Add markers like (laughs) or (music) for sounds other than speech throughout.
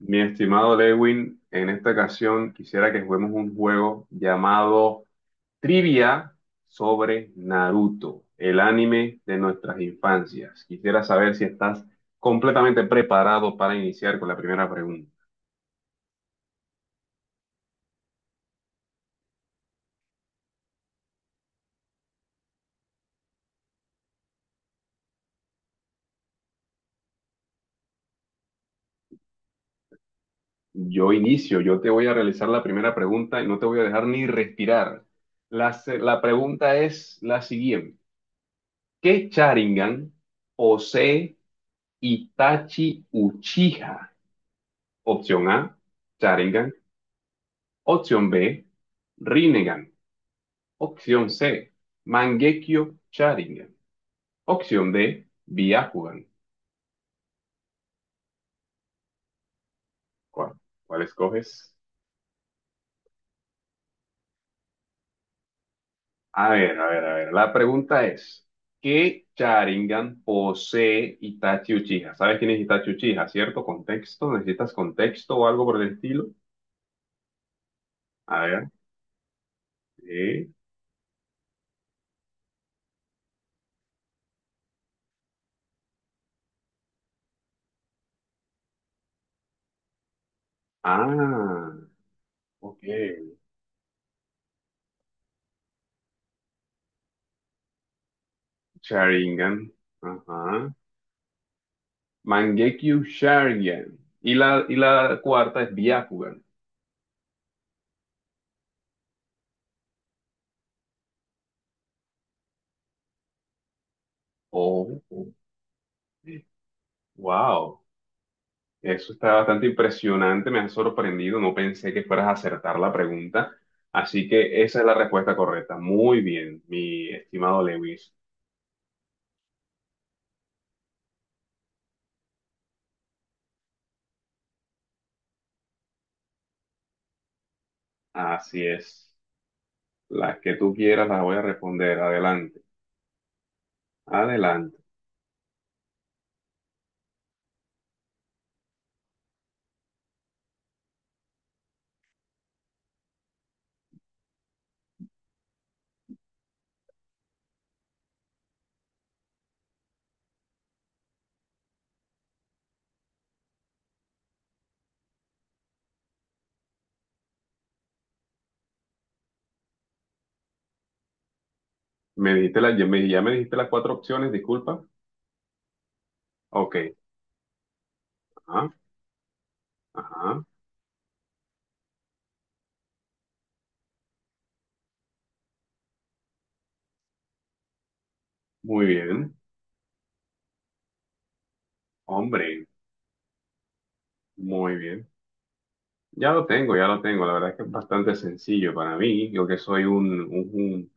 Mi estimado Lewin, en esta ocasión quisiera que juguemos un juego llamado Trivia sobre Naruto, el anime de nuestras infancias. Quisiera saber si estás completamente preparado para iniciar con la primera pregunta. Yo inicio, yo te voy a realizar la primera pregunta y no te voy a dejar ni respirar. La pregunta es la siguiente. ¿Qué Sharingan posee Itachi Uchiha? Opción A, Sharingan. Opción B, Rinnegan. Opción C, Mangekyo Sharingan. Opción D, Byakugan. ¿Cuál, cuál escoges? A ver, a ver, a ver. La pregunta es: ¿qué Sharingan posee Itachi Uchiha? ¿Sabes quién es Itachi Uchiha, cierto? ¿Contexto? ¿Necesitas contexto o algo por el estilo? A ver. eh, Ah, ok. Sharingan. Ajá. Mangekyo Sharingan. Y la cuarta es Byakugan. Oh, wow. Eso está bastante impresionante, me has sorprendido, no pensé que fueras a acertar la pregunta. Así que esa es la respuesta correcta. Muy bien, mi estimado Lewis. Así es. Las que tú quieras las voy a responder. Adelante, adelante. Me dijiste ya me dijiste las cuatro opciones, disculpa. Ok, ajá, ajá. Muy bien, hombre, muy bien. Ya lo tengo, ya lo tengo. La verdad es que es bastante sencillo para mí. Yo que soy un,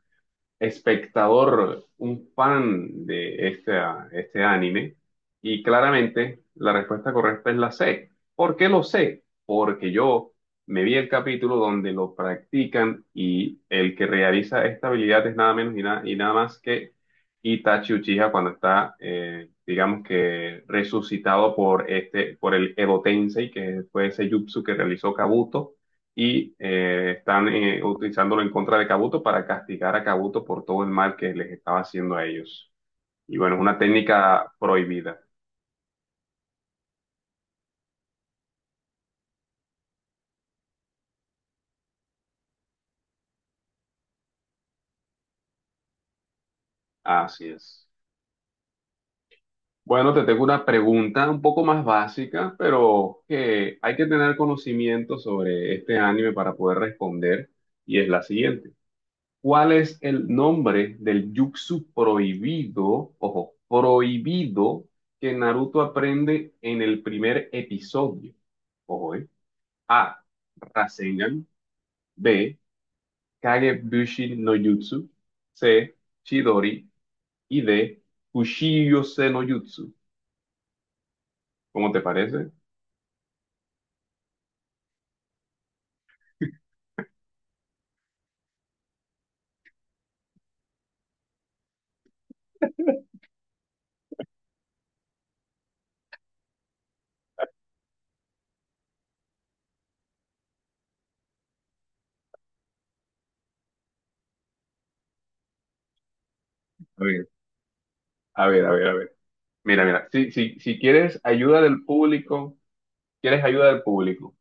espectador, un fan de este anime. Y claramente la respuesta correcta es la C. ¿Por qué lo sé? Porque yo me vi el capítulo donde lo practican y el que realiza esta habilidad es nada menos y nada más que Itachi Uchiha cuando está, digamos que resucitado por el Edo Tensei, que fue ese jutsu que realizó Kabuto y están utilizándolo en contra de Kabuto para castigar a Kabuto por todo el mal que les estaba haciendo a ellos. Y bueno, es una técnica prohibida. Así es. Bueno, te tengo una pregunta un poco más básica, pero que hay que tener conocimiento sobre este anime para poder responder, y es la siguiente. ¿Cuál es el nombre del jutsu prohibido, ojo, prohibido, que Naruto aprende en el primer episodio? Ojo, ¿eh? A, Rasengan. B, Kagebushi no Jutsu. C, Chidori. Y D, Kushiyose no Jutsu. ¿Cómo te parece? (laughs) A ver, a ver, a ver, a ver. Mira, mira, si quieres ayuda del público, quieres ayuda del público.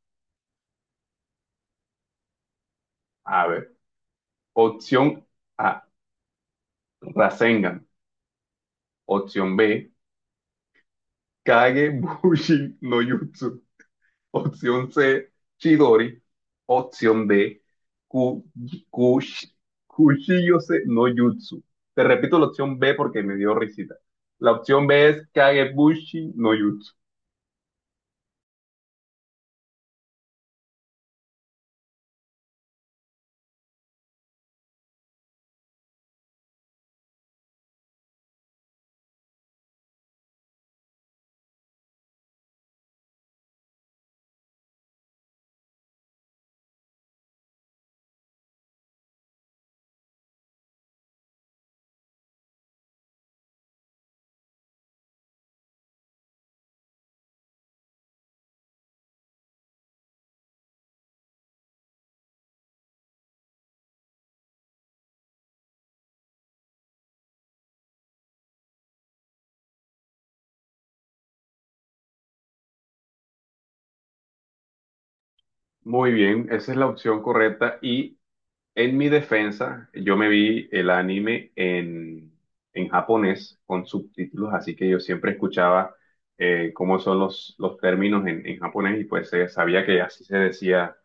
A ver, opción A, Rasengan. Opción B, Kage Bushi no Jutsu. (laughs) Opción C, Chidori. Opción D, ku, kush- Kushiyose no Jutsu. Te repito la opción B porque me dio risita. La opción B es Kagebushi no Jutsu. Muy bien, esa es la opción correcta. Y en mi defensa, yo me vi el anime en japonés con subtítulos, así que yo siempre escuchaba cómo son los términos en japonés y pues sabía que así se decía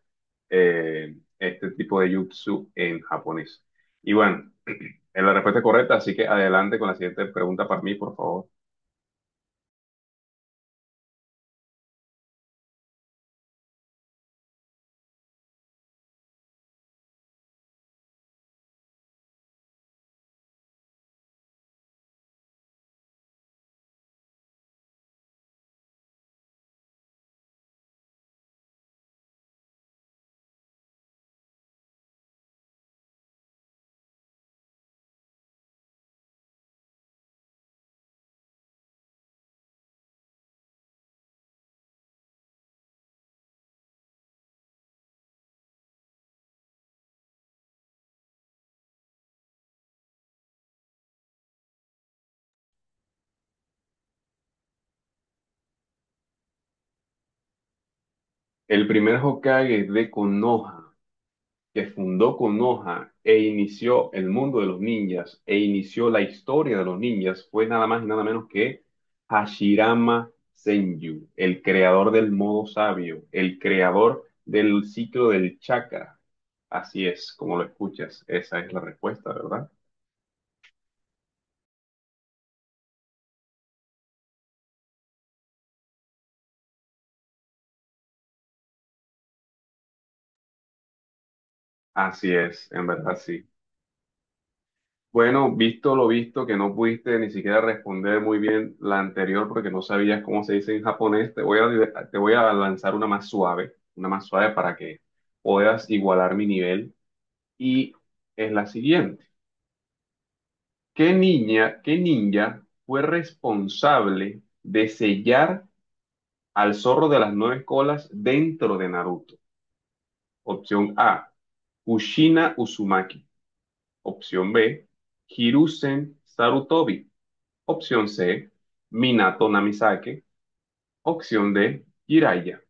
este tipo de jutsu en japonés. Y bueno, (clears throat) es la respuesta correcta, así que adelante con la siguiente pregunta para mí, por favor. El primer Hokage de Konoha, que fundó Konoha e inició el mundo de los ninjas, e inició la historia de los ninjas, fue nada más y nada menos que Hashirama Senju, el creador del modo sabio, el creador del ciclo del chakra. Así es, como lo escuchas, esa es la respuesta, ¿verdad? Así es, en verdad sí. Bueno, visto lo visto, que no pudiste ni siquiera responder muy bien la anterior porque no sabías cómo se dice en japonés, te voy a lanzar una más suave para que puedas igualar mi nivel. Y es la siguiente. ¿Qué ninja fue responsable de sellar al zorro de las nueve colas dentro de Naruto? Opción A, Kushina Uzumaki. Opción B, Hiruzen Sarutobi. Opción C, Minato Namisake. Opción D, Jiraiya.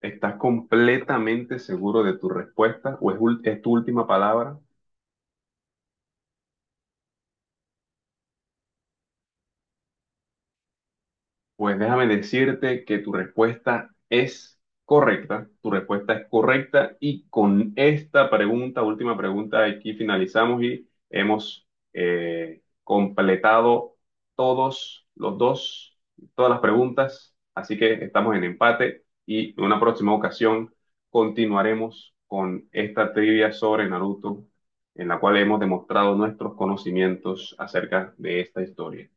¿Estás completamente seguro de tu respuesta o es tu última palabra? Pues déjame decirte que tu respuesta es correcta, tu respuesta es correcta, y con esta pregunta, última pregunta, aquí finalizamos y hemos completado todos los dos, todas las preguntas, así que estamos en empate y en una próxima ocasión continuaremos con esta trivia sobre Naruto, en la cual hemos demostrado nuestros conocimientos acerca de esta historia.